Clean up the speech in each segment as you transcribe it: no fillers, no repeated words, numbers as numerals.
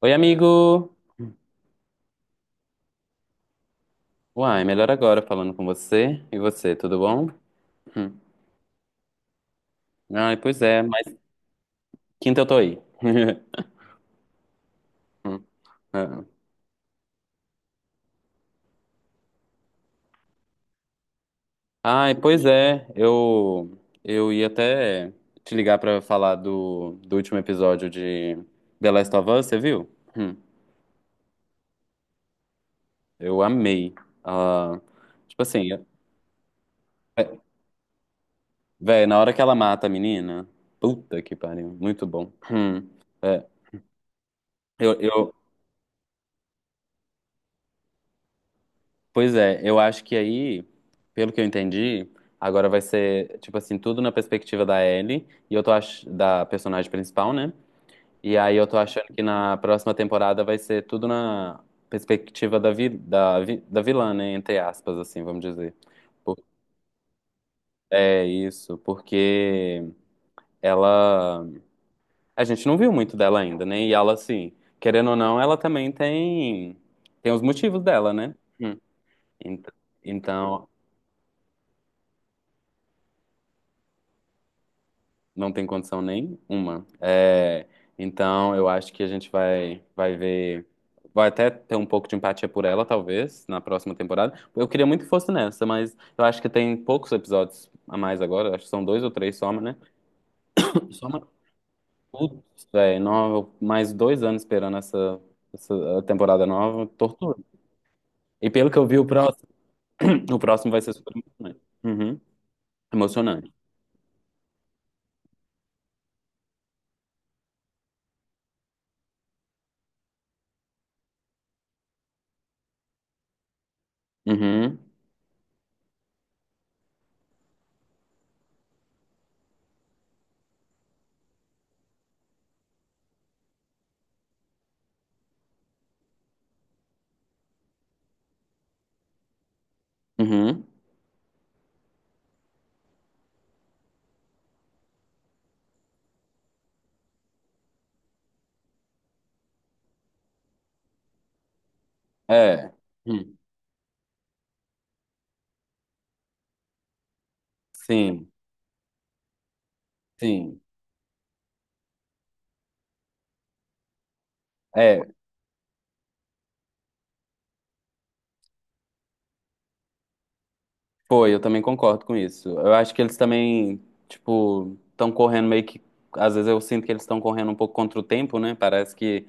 Oi, amigo! Uai, melhor agora falando com você. E você, tudo bom? Hum. Ai, pois é, mas quinta eu tô aí. Hum, ah. Ai, pois é, eu ia até te ligar pra falar do último episódio de The Last of Us, você viu? Hum. Eu amei. Ah, tipo assim, é, véi, na hora que ela mata a menina, puta que pariu, muito bom. É. Eu, eu, Pois é, eu acho que aí, pelo que eu entendi, agora vai ser, tipo assim, tudo na perspectiva da Ellie, da personagem principal, né? E aí eu tô achando que na próxima temporada vai ser tudo na perspectiva da vilã, né? Entre aspas, assim, vamos dizer. Por- É isso, porque ela. A gente não viu muito dela ainda, né? E ela, assim, querendo ou não, ela também tem os motivos dela, né? Hum. Então. Então, não tem condição nenhuma. É, então, eu acho que a gente vai ver. Vai até ter um pouco de empatia por ela, talvez, na próxima temporada. Eu queria muito que fosse nessa, mas eu acho que tem poucos episódios a mais agora. Acho que são dois ou três só, né? Soma tudo, velho. Mais dois anos esperando essa temporada nova. Tortura. E pelo que eu vi, o próximo, o próximo vai ser super emocionante. Uhum. Emocionante. Uhum. Uhum. É. Hum. Sim. Sim. É. Foi, eu também concordo com isso. Eu acho que eles também, tipo, estão correndo meio que. Às vezes eu sinto que eles estão correndo um pouco contra o tempo, né? Parece que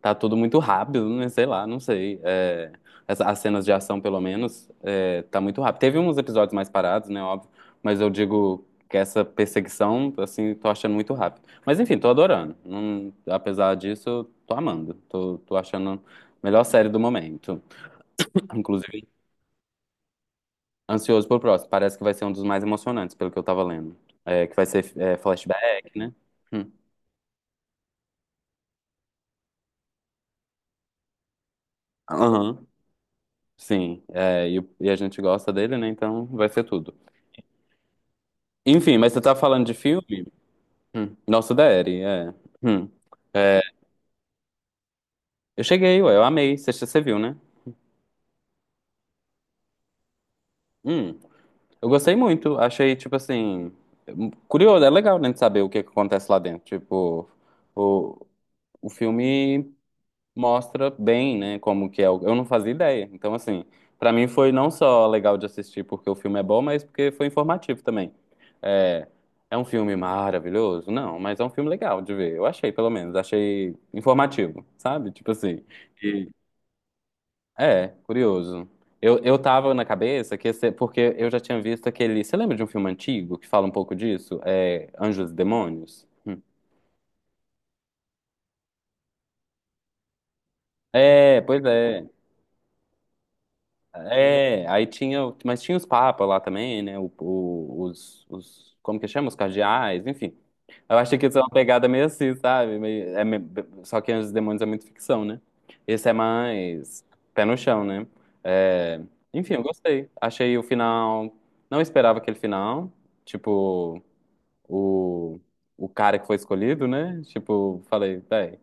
tá tudo muito rápido, né? Sei lá, não sei. É, as cenas de ação, pelo menos, tá muito rápido. Teve uns episódios mais parados, né? Óbvio. Mas eu digo que essa perseguição, assim, tô achando muito rápido. Mas enfim, tô adorando. Apesar disso, tô amando. Tô achando a melhor série do momento. Inclusive. Ansioso pelo próximo. Parece que vai ser um dos mais emocionantes, pelo que eu tava lendo. É, que vai ser flashback, né? Hum. Aham, sim. É, e a gente gosta dele, né? Então vai ser tudo. Enfim, mas você tá falando de filme? Hum. Nosso Daddy, é. Hum. É. Eu cheguei, ué, eu amei. Você viu, né? Hum. Eu gostei muito. Achei, tipo assim. Curioso, é legal, né? De saber o que que acontece lá dentro. Tipo, o, o filme mostra bem, né, como que é. Eu não fazia ideia. Então, assim, pra mim foi não só legal de assistir porque o filme é bom, mas porque foi informativo também. É, é um filme maravilhoso? Não, mas é um filme legal de ver. Eu achei, pelo menos. Achei informativo, sabe? Tipo assim. E, curioso. Eu tava na cabeça que ia porque eu já tinha visto aquele. Você lembra de um filme antigo que fala um pouco disso? É, Anjos e Demônios? Hum. É, pois é. É, aí tinha, mas tinha os papas lá também, né? Os, como que chama? Os cardeais, enfim. Eu achei que isso é uma pegada meio assim, sabe? Só que Anjos e Demônios é muito ficção, né? Esse é mais pé no chão, né? É, enfim, eu gostei. Achei o final. Não esperava aquele final. Tipo, o, o cara que foi escolhido, né? Tipo, falei, véi.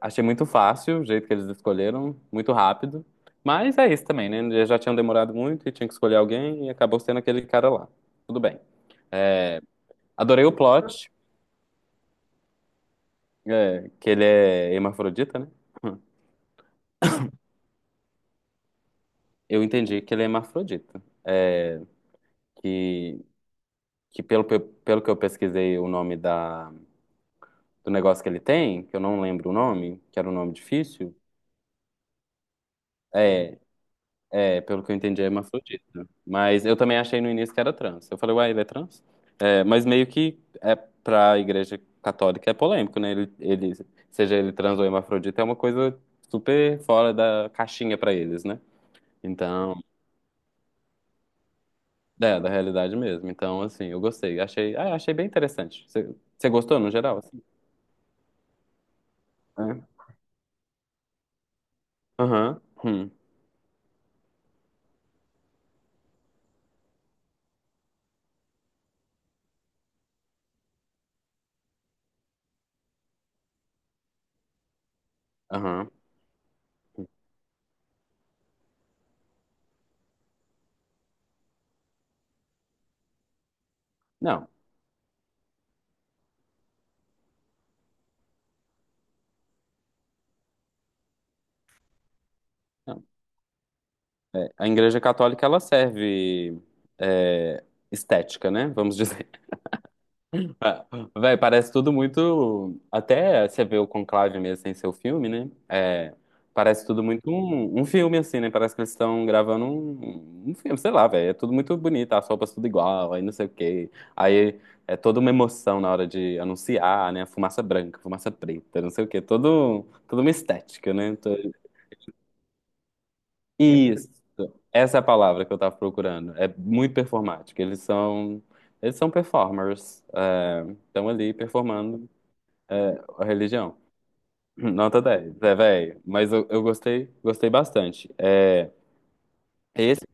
Achei muito fácil o jeito que eles escolheram, muito rápido. Mas é isso também, né? Eles já tinham demorado muito e tinham que escolher alguém e acabou sendo aquele cara lá. Tudo bem. Adorei o plot, que ele é hermafrodita, né? Eu entendi que ele é hermafrodita. É, que que pelo que eu pesquisei o nome da, do negócio que ele tem, que eu não lembro o nome, que era um nome difícil, é, é pelo que eu entendi, é hermafrodita. Mas eu também achei no início que era trans. Eu falei, uai, ele é trans? É, mas meio que é para a Igreja Católica é polêmico, né? Ele, seja ele trans ou hermafrodita, é uma coisa super fora da caixinha para eles, né? Então, da realidade mesmo. Então, assim, eu gostei. Achei, ah, achei bem interessante. Você gostou no geral, assim? É. Aham. Hum. Aham. Não, não. A Igreja Católica, ela serve, é, estética, né? Vamos dizer. Ah, véi, parece tudo muito. Até você vê o Conclave mesmo sem ser o filme, né? É, parece tudo muito um filme, assim, né? Parece que eles estão gravando um filme, sei lá, velho. É tudo muito bonito, as roupas tudo igual, aí não sei o quê. Aí é toda uma emoção na hora de anunciar, né? Fumaça branca, fumaça preta, não sei o quê. Toda uma estética, né? Isso. Essa é a palavra que eu tava procurando. É muito performático. Eles são. Eles são performers. É, estão ali performando a religião. Nota dez, velho. Mas eu gostei, bastante. É esse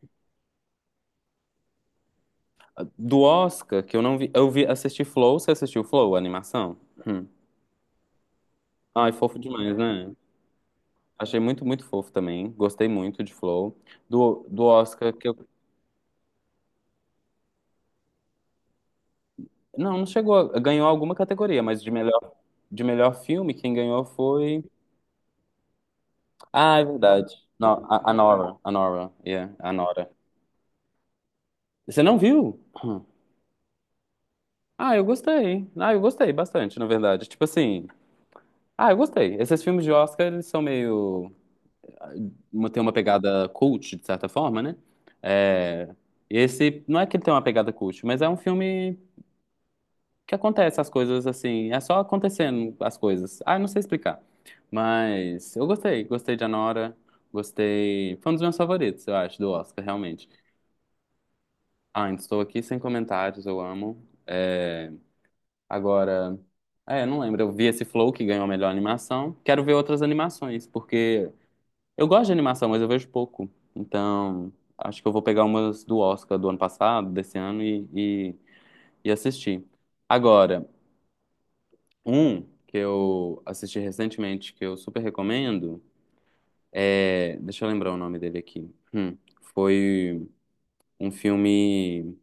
do Oscar que eu não vi, eu vi assisti Flow, você assistiu Flow, a animação? Hum. Ai, fofo demais, né? Achei muito, muito fofo também. Gostei muito de Flow. Do Oscar que eu, não, não chegou, ganhou alguma categoria, mas de melhor filme quem ganhou foi. Ah, é verdade. Não, a Nora, a Nora, yeah, a Nora. Você não viu? Hum. Ah, eu gostei. Ah, eu gostei bastante, na verdade. Tipo assim, ah, eu gostei. Esses filmes de Oscar, eles são meio. Tem uma pegada cult, de certa forma, né? É... esse, não é que ele tem uma pegada cult, mas é um filme que acontece as coisas assim. É só acontecendo as coisas. Ah, eu não sei explicar. Mas eu gostei. Gostei de Anora. Gostei. Foi um dos meus favoritos, eu acho, do Oscar, realmente. Ah, ainda estou aqui sem comentários, eu amo. É... agora. É, eu não lembro. Eu vi esse Flow que ganhou a melhor animação. Quero ver outras animações, porque. Eu gosto de animação, mas eu vejo pouco. Então, acho que eu vou pegar umas do Oscar do ano passado, desse ano, e, e assistir. Agora, um que eu assisti recentemente, que eu super recomendo, deixa eu lembrar o nome dele aqui. Foi um filme.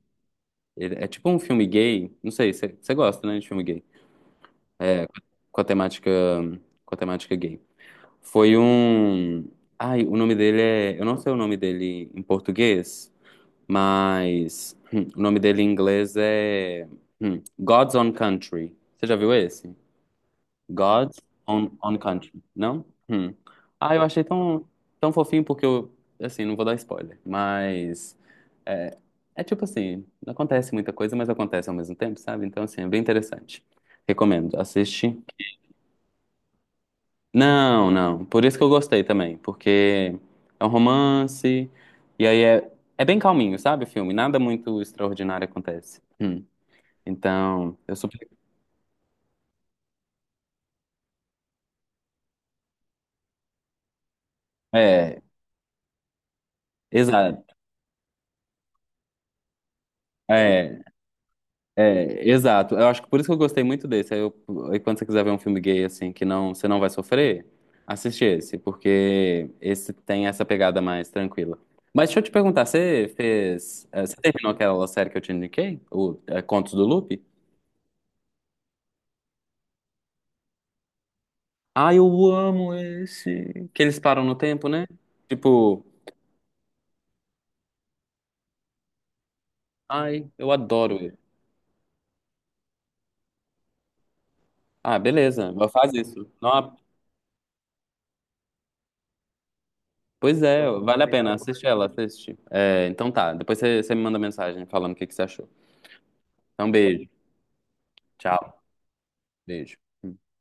É tipo um filme gay. Não sei, você gosta, né, de filme gay? Com a temática, com a temática gay. Foi um. Ai, o nome dele é. Eu não sei o nome dele em português. Mas o nome dele em inglês é God's Own Country. Você já viu esse? God's Own Country, não? Hum. Ah, eu achei tão, tão fofinho porque eu, assim, não vou dar spoiler, mas é, é tipo assim, não acontece muita coisa, mas acontece ao mesmo tempo, sabe? Então, assim, é bem interessante. Recomendo, assiste não, não. Por isso que eu gostei também, porque é um romance e aí é bem calminho, sabe, o filme? Nada muito extraordinário acontece. Hum. Então, eu super... É, exato. É, é, exato. Eu acho que por isso que eu gostei muito desse. Aí quando você quiser ver um filme gay assim que não, você não vai sofrer, assiste esse, porque esse tem essa pegada mais tranquila. Mas deixa eu te perguntar, você terminou aquela série que eu te indiquei, o Contos do Loop? Ai, eu amo esse. Que eles param no tempo, né? Tipo, ai, eu adoro ele. Ah, beleza, vou fazer isso. Não, pois é, vale a pena, assiste ela, assiste. É, então tá, depois você me manda mensagem falando o que que você achou. Então, beijo. Tchau. Beijo.